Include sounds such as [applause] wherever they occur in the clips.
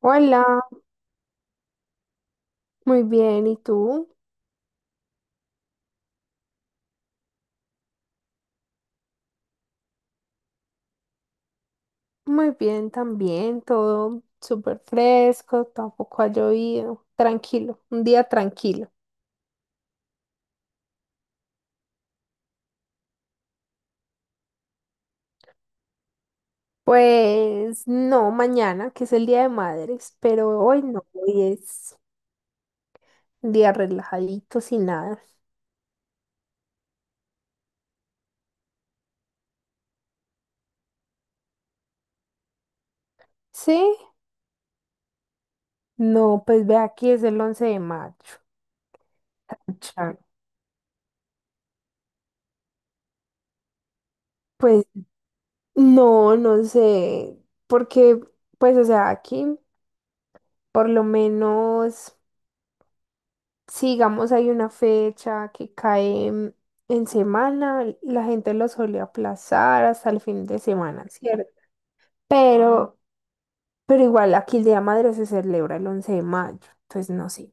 Hola, muy bien. ¿Y tú? Muy bien también, todo súper fresco, tampoco ha llovido. Tranquilo, un día tranquilo. Pues no, mañana, que es el Día de Madres, pero hoy no, hoy es un día relajadito, sin nada. ¿Sí? No, pues ve aquí, es el 11 de mayo. Claro. Pues no, no sé, porque pues o sea, aquí por lo menos si digamos hay una fecha que cae en semana, la gente lo suele aplazar hasta el fin de semana, ¿cierto? Pero, pero igual aquí el Día de Madre se celebra el 11 de mayo, entonces no sé.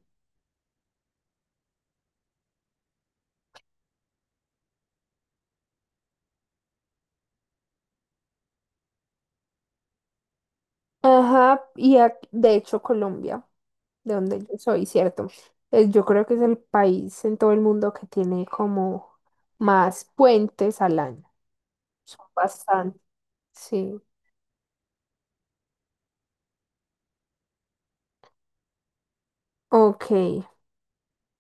Ajá, y de hecho Colombia, de donde yo soy, ¿cierto? Yo creo que es el país en todo el mundo que tiene como más puentes al año. Son bastante, sí. Ok,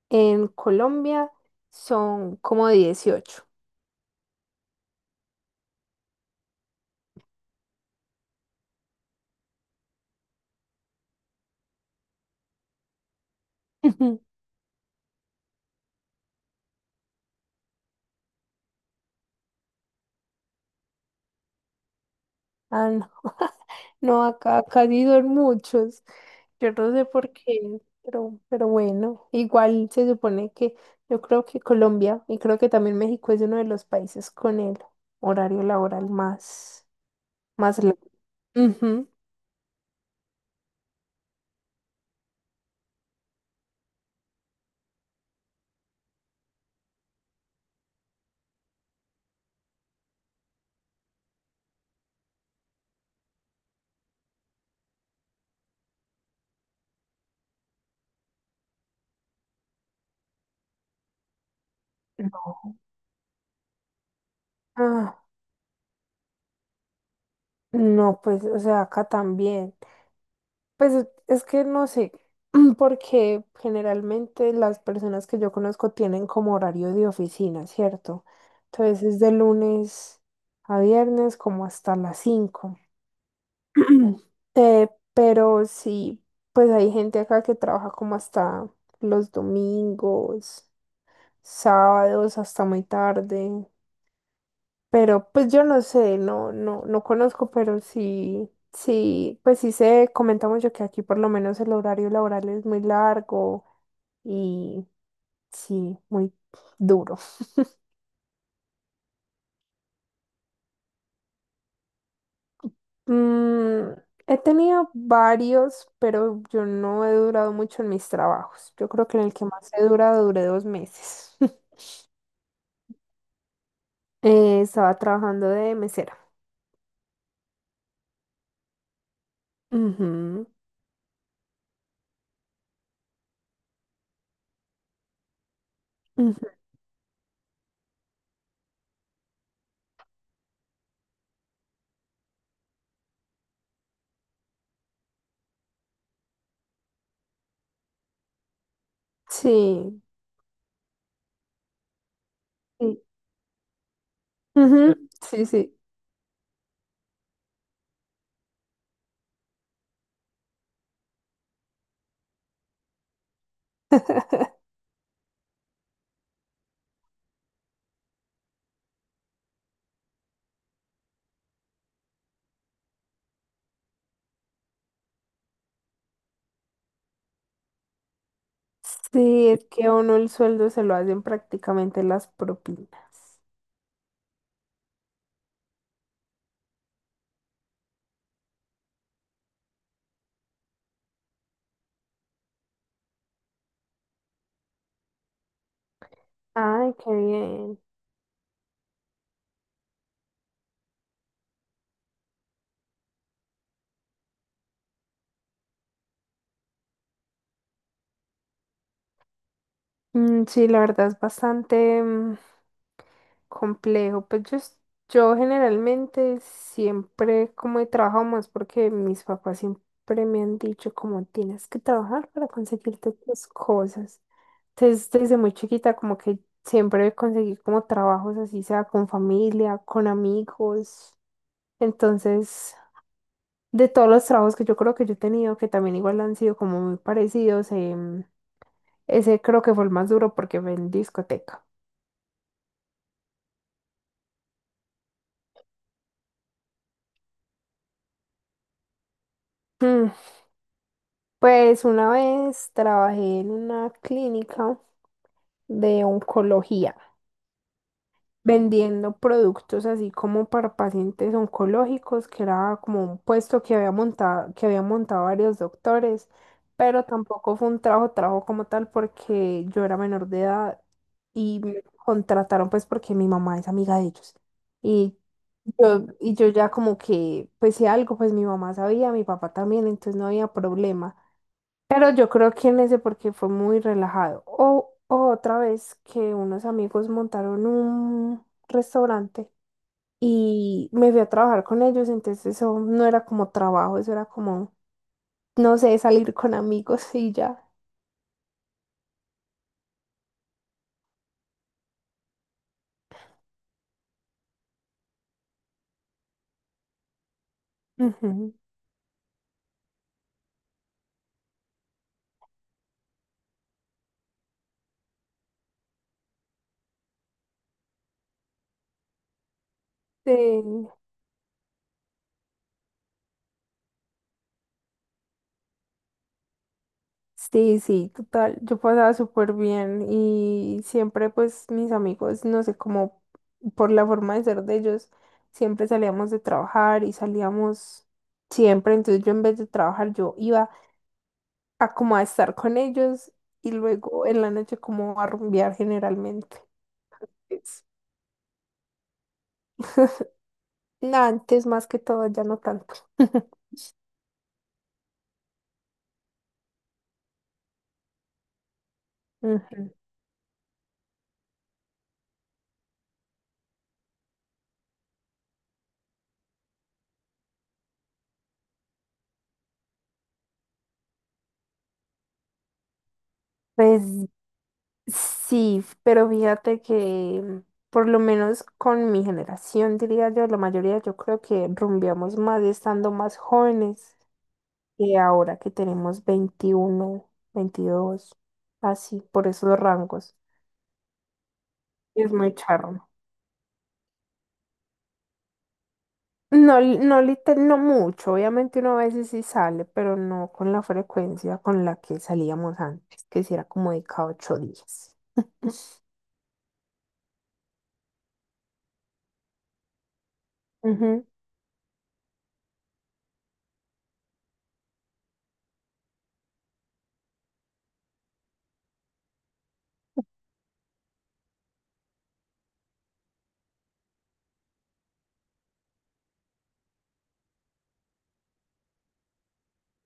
en Colombia son como 18. [laughs] Ah, no. [laughs] No, acá sí son muchos. Yo no sé por qué, pero bueno, igual se supone que yo creo que Colombia y creo que también México es uno de los países con el horario laboral más largo. Ujú. Ah, no, pues, o sea, acá también. Pues es que no sé, [clears throat] porque generalmente las personas que yo conozco tienen como horario de oficina, ¿cierto? Entonces es de lunes a viernes como hasta las 5. [clears throat] Pero sí, pues hay gente acá que trabaja como hasta los domingos, sábados, hasta muy tarde. Pero pues yo no sé, no conozco, pero sí, sí, pues sí se comenta mucho que aquí por lo menos el horario laboral es muy largo y sí, muy duro. Mm, He tenido varios, pero yo no he durado mucho en mis trabajos. Yo creo que en el que más he durado duré 2 meses. [laughs] Estaba trabajando de mesera. Ujú, ujú. Sí, sí. Ujú, sí, sí. [laughs] Sí, es que a uno el sueldo se lo hacen prácticamente las propinas. Ay, qué bien. Mm, sí, la verdad es bastante complejo. Pues yo generalmente siempre como he trabajado más porque mis papás siempre me han dicho como tienes que trabajar para conseguirte tus cosas. Entonces desde muy chiquita como que siempre conseguí como trabajos así sea con familia, con amigos. Entonces de todos los trabajos que yo creo que yo he tenido, que también igual han sido como muy parecidos, ese creo que fue el más duro porque fue en discoteca. Mm, Pues una vez trabajé en una clínica de oncología, vendiendo productos así como para pacientes oncológicos, que era como un puesto que había montado, que habían montado varios doctores, pero tampoco fue un trabajo, trabajo como tal porque yo era menor de edad y me contrataron pues porque mi mamá es amiga de ellos. Y y yo ya como que, pues si algo, pues mi mamá sabía, mi papá también, entonces no había problema. Pero yo creo que en ese porque fue muy relajado. O otra vez que unos amigos montaron un restaurante y me fui a trabajar con ellos, entonces eso no era como trabajo, eso era como, no sé, salir con amigos y ya. Ujú. Sí. Sí, sí, total. Yo pasaba súper bien y siempre pues mis amigos, no sé, cómo por la forma de ser de ellos, siempre salíamos de trabajar y salíamos siempre. Entonces yo en vez de trabajar, yo iba a como a estar con ellos y luego en la noche como a rumbear generalmente. Es- Antes más que todo, ya no tanto. [laughs] Ujú. Pues sí, pero fíjate que por lo menos con mi generación, diría yo, la mayoría yo creo que rumbeamos más estando más jóvenes que ahora que tenemos 21, 22, así, por esos rangos. Es muy charro. No, no mucho, obviamente uno a veces sí sale, pero no con la frecuencia con la que salíamos antes, que si era como de cada 8 días. Ujú,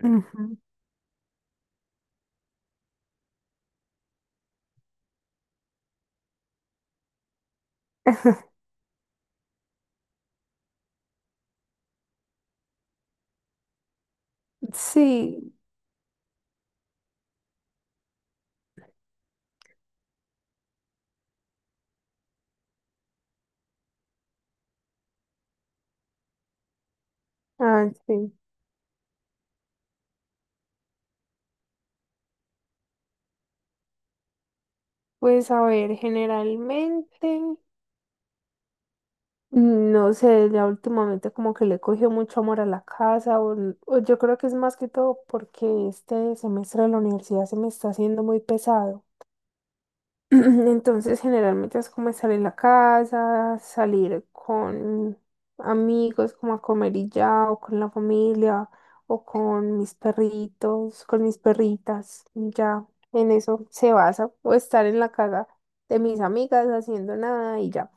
ujú. [laughs] Sí, sí. Pues a ver, generalmente, no sé, ya últimamente como que le cogió mucho amor a la casa, o yo creo que es más que todo porque este semestre de la universidad se me está haciendo muy pesado. [clears throat] Entonces, generalmente es como salir a la casa, salir con amigos, como a comer y ya, o con la familia, o con mis perritos, con mis perritas, y ya. En eso se basa, o estar en la casa de mis amigas haciendo nada y ya.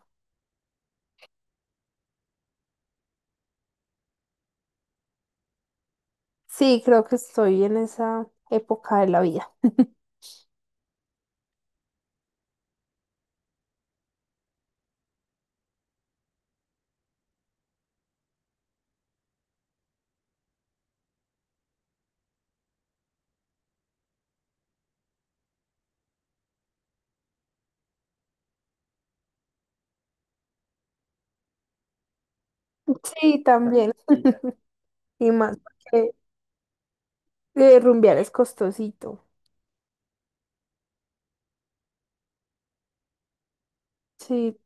Sí, creo que estoy en esa época de la vida. [laughs] Sí, también. [laughs] Y más porque rumbear es costosito. Sí,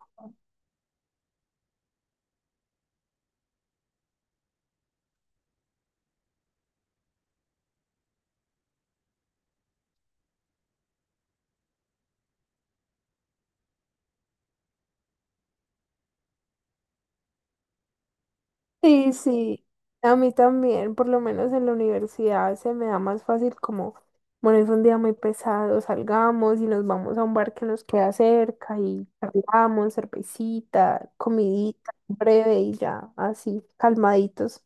sí, sí, a mí también, por lo menos en la universidad se me da más fácil como, bueno, es un día muy pesado, salgamos y nos vamos a un bar que nos queda cerca y charlamos, cervecita, comidita, breve y ya, así, calmaditos.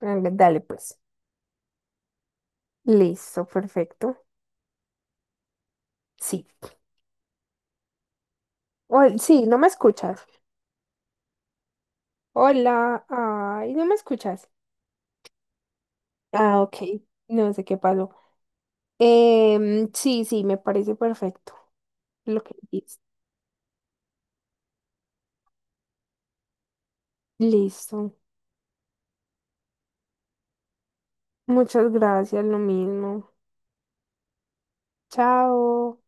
Venga, dale, pues. Listo, perfecto. Sí. Sí, no me escuchas. Hola, ay, no me escuchas. Ah, ok, no sé qué pasó. Sí, sí, me parece perfecto lo que dices. Listo. Muchas gracias, lo mismo. Chao.